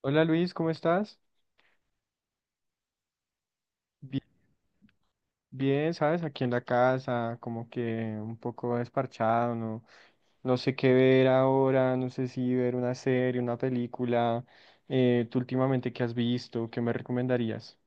Hola Luis, ¿cómo estás? Bi- Bien, ¿sabes? Aquí en la casa, como que un poco desparchado, no, no sé qué ver ahora, no sé si ver una serie, una película. ¿Tú últimamente qué has visto? ¿Qué me recomendarías?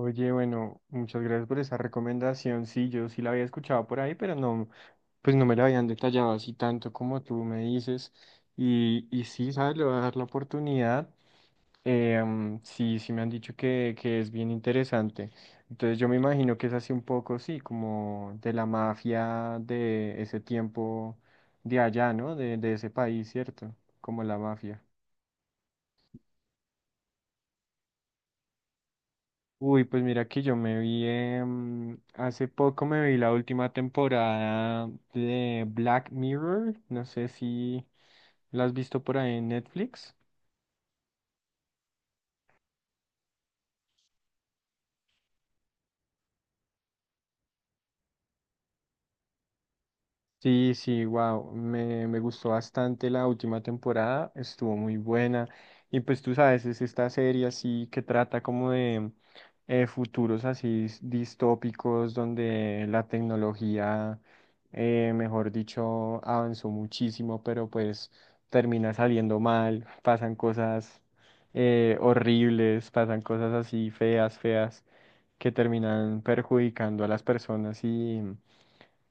Oye, bueno, muchas gracias por esa recomendación. Sí, yo sí la había escuchado por ahí, pero no, pues no me la habían detallado así tanto como tú me dices. Y sí, ¿sabes? Le voy a dar la oportunidad. Sí, sí me han dicho que es bien interesante. Entonces yo me imagino que es así un poco, sí, como de la mafia de ese tiempo de allá, ¿no? De ese país, ¿cierto? Como la mafia. Uy, pues mira que yo me vi, hace poco me vi la última temporada de Black Mirror. No sé si la has visto por ahí en Netflix. Sí, sí, wow, me gustó bastante la última temporada, estuvo muy buena. Y pues tú sabes, es esta serie así que trata como de futuros así distópicos donde la tecnología, mejor dicho, avanzó muchísimo, pero pues termina saliendo mal, pasan cosas horribles, pasan cosas así feas, feas, que terminan perjudicando a las personas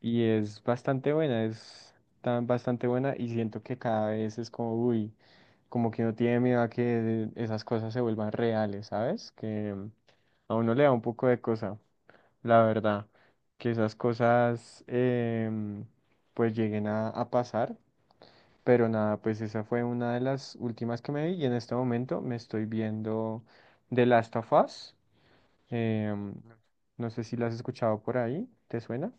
y es bastante buena, es tan bastante buena y siento que cada vez es como, uy, como que uno tiene miedo a que esas cosas se vuelvan reales, ¿sabes? Que a uno le da un poco de cosa, la verdad, que esas cosas em, pues lleguen a pasar, pero nada, pues esa fue una de las últimas que me vi y en este momento me estoy viendo The Last of Us. em, no sé si la has escuchado por ahí, ¿te suena?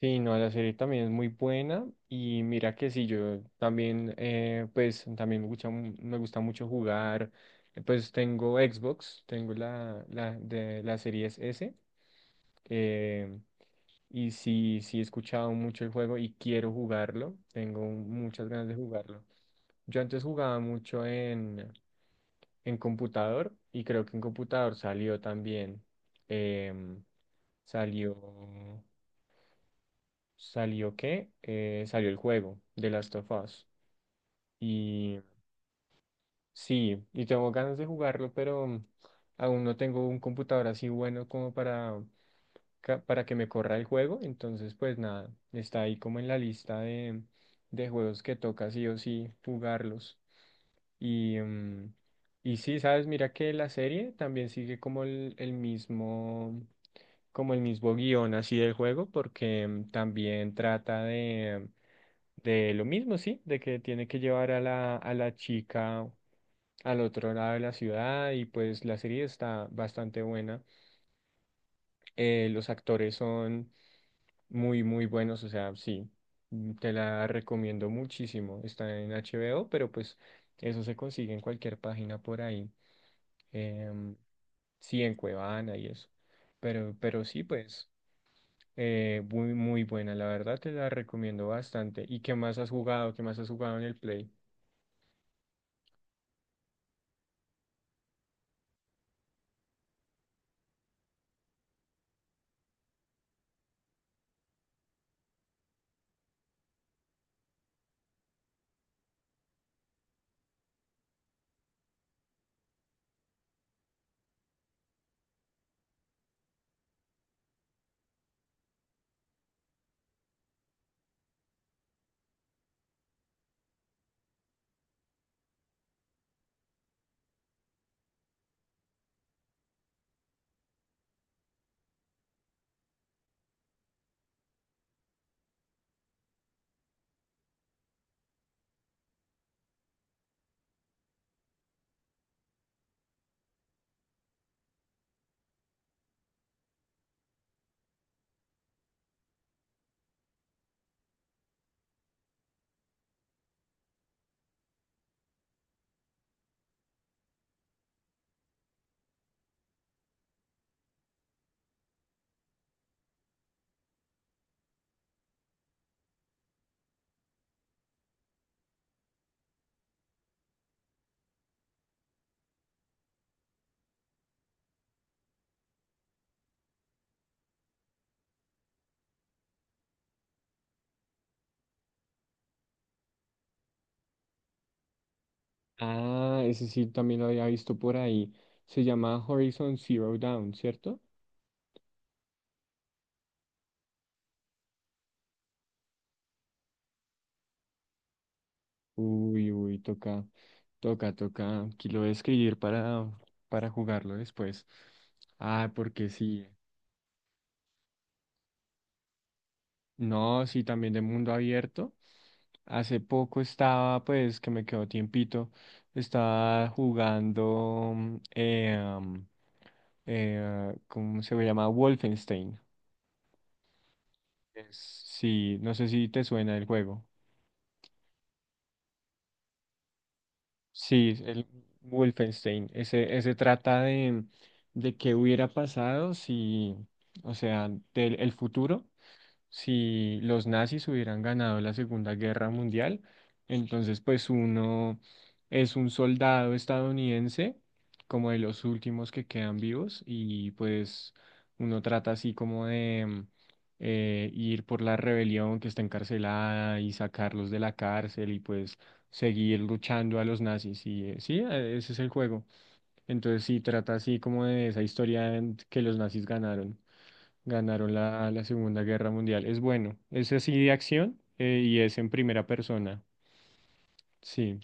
Sí, no, la serie también es muy buena y mira que sí, yo también, pues también me gusta, me gusta mucho jugar, pues tengo Xbox, tengo la de la Series S eh, y sí, sí he escuchado mucho el juego y quiero jugarlo, tengo muchas ganas de jugarlo. Yo antes jugaba mucho en computador y creo que en computador salió también, em, salió... ¿Salió qué? Salió el juego de Last of Us. Y sí, y tengo ganas de jugarlo, pero aún no tengo un computador así bueno como para, para que me corra el juego. Entonces, pues nada, está ahí como en la lista de juegos que toca sí o sí jugarlos. Y, mm, y sí, sabes, mira que la serie también sigue como el mismo, como el mismo guión así del juego, porque también trata de lo mismo, sí, de que tiene que llevar a a la chica al otro lado de la ciudad y pues la serie está bastante buena. Los actores son muy, muy buenos, o sea, sí, te la recomiendo muchísimo. Está en HBO, pero pues eso se consigue en cualquier página por ahí. em, sí, en Cuevana y eso. Pero sí, pues muy, muy buena, la verdad te la recomiendo bastante. ¿Y qué más has jugado? ¿Qué más has jugado en el Play? Ah, ese sí también lo había visto por ahí. Se llama Horizon Zero Dawn, ¿cierto? Uy, uy, toca, toca, toca. Aquí lo voy a escribir para jugarlo después. Ah, porque sí. No, sí, también de mundo abierto. Hace poco estaba, pues, que me quedó tiempito. Estaba jugando, ¿cómo se llama? Wolfenstein. Sí, no sé si te suena el juego. Sí, el Wolfenstein. Ese trata de qué hubiera pasado si, o sea, del el futuro si los nazis hubieran ganado la Segunda Guerra Mundial, entonces pues uno es un soldado estadounidense, como de los últimos que quedan vivos, y pues uno trata así como de ir por la rebelión que está encarcelada y sacarlos de la cárcel y pues seguir luchando a los nazis. Sí, ese es el juego. Entonces sí, trata así como de esa historia en que los nazis ganaron. Ganaron la Segunda Guerra Mundial. Es bueno. Es así de acción y es en primera persona. Sí,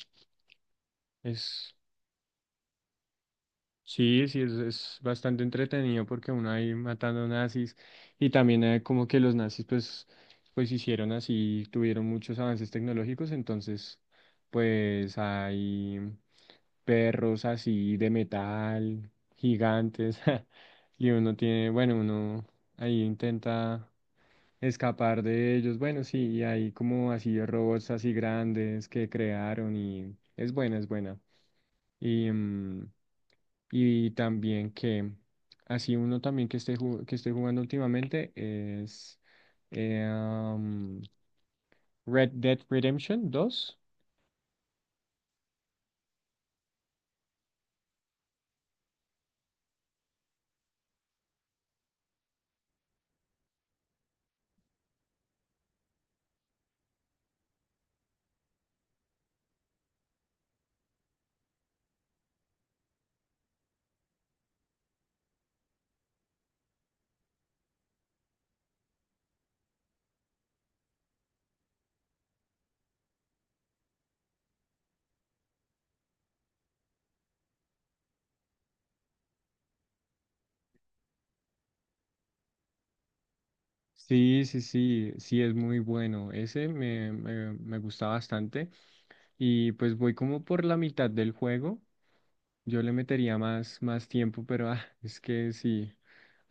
es, sí, sí, es bastante entretenido porque uno ahí matando nazis y también como que los nazis pues, pues hicieron así, tuvieron muchos avances tecnológicos, entonces pues hay perros así de metal, gigantes, y uno tiene, bueno, uno ahí intenta... escapar de ellos. Bueno, sí, y hay como así robots así grandes que crearon y es buena, es buena. Y, mm, y también que así uno también que esté que estoy jugando últimamente es eh, am, Red Dead Redemption 2. Sí, sí, sí, sí, es muy bueno. Ese me gusta bastante. Y pues voy como por la mitad del juego. Yo le metería más, más tiempo, pero ah, es que sí,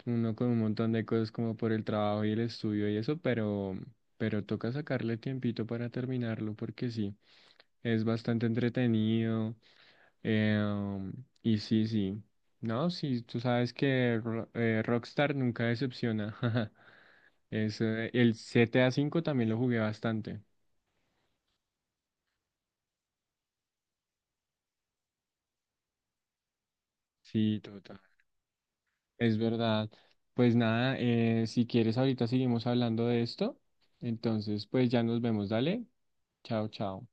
uno con un montón de cosas como por el trabajo y el estudio y eso, pero toca sacarle tiempito para terminarlo porque sí, es bastante entretenido. eh, um, y sí, sí, no, sí, tú sabes que Rockstar nunca decepciona. Es, el GTA 5 V también lo jugué bastante. Sí, total. Es verdad. Pues nada, si quieres ahorita seguimos hablando de esto. Entonces, pues ya nos vemos. Dale. Chao, chao.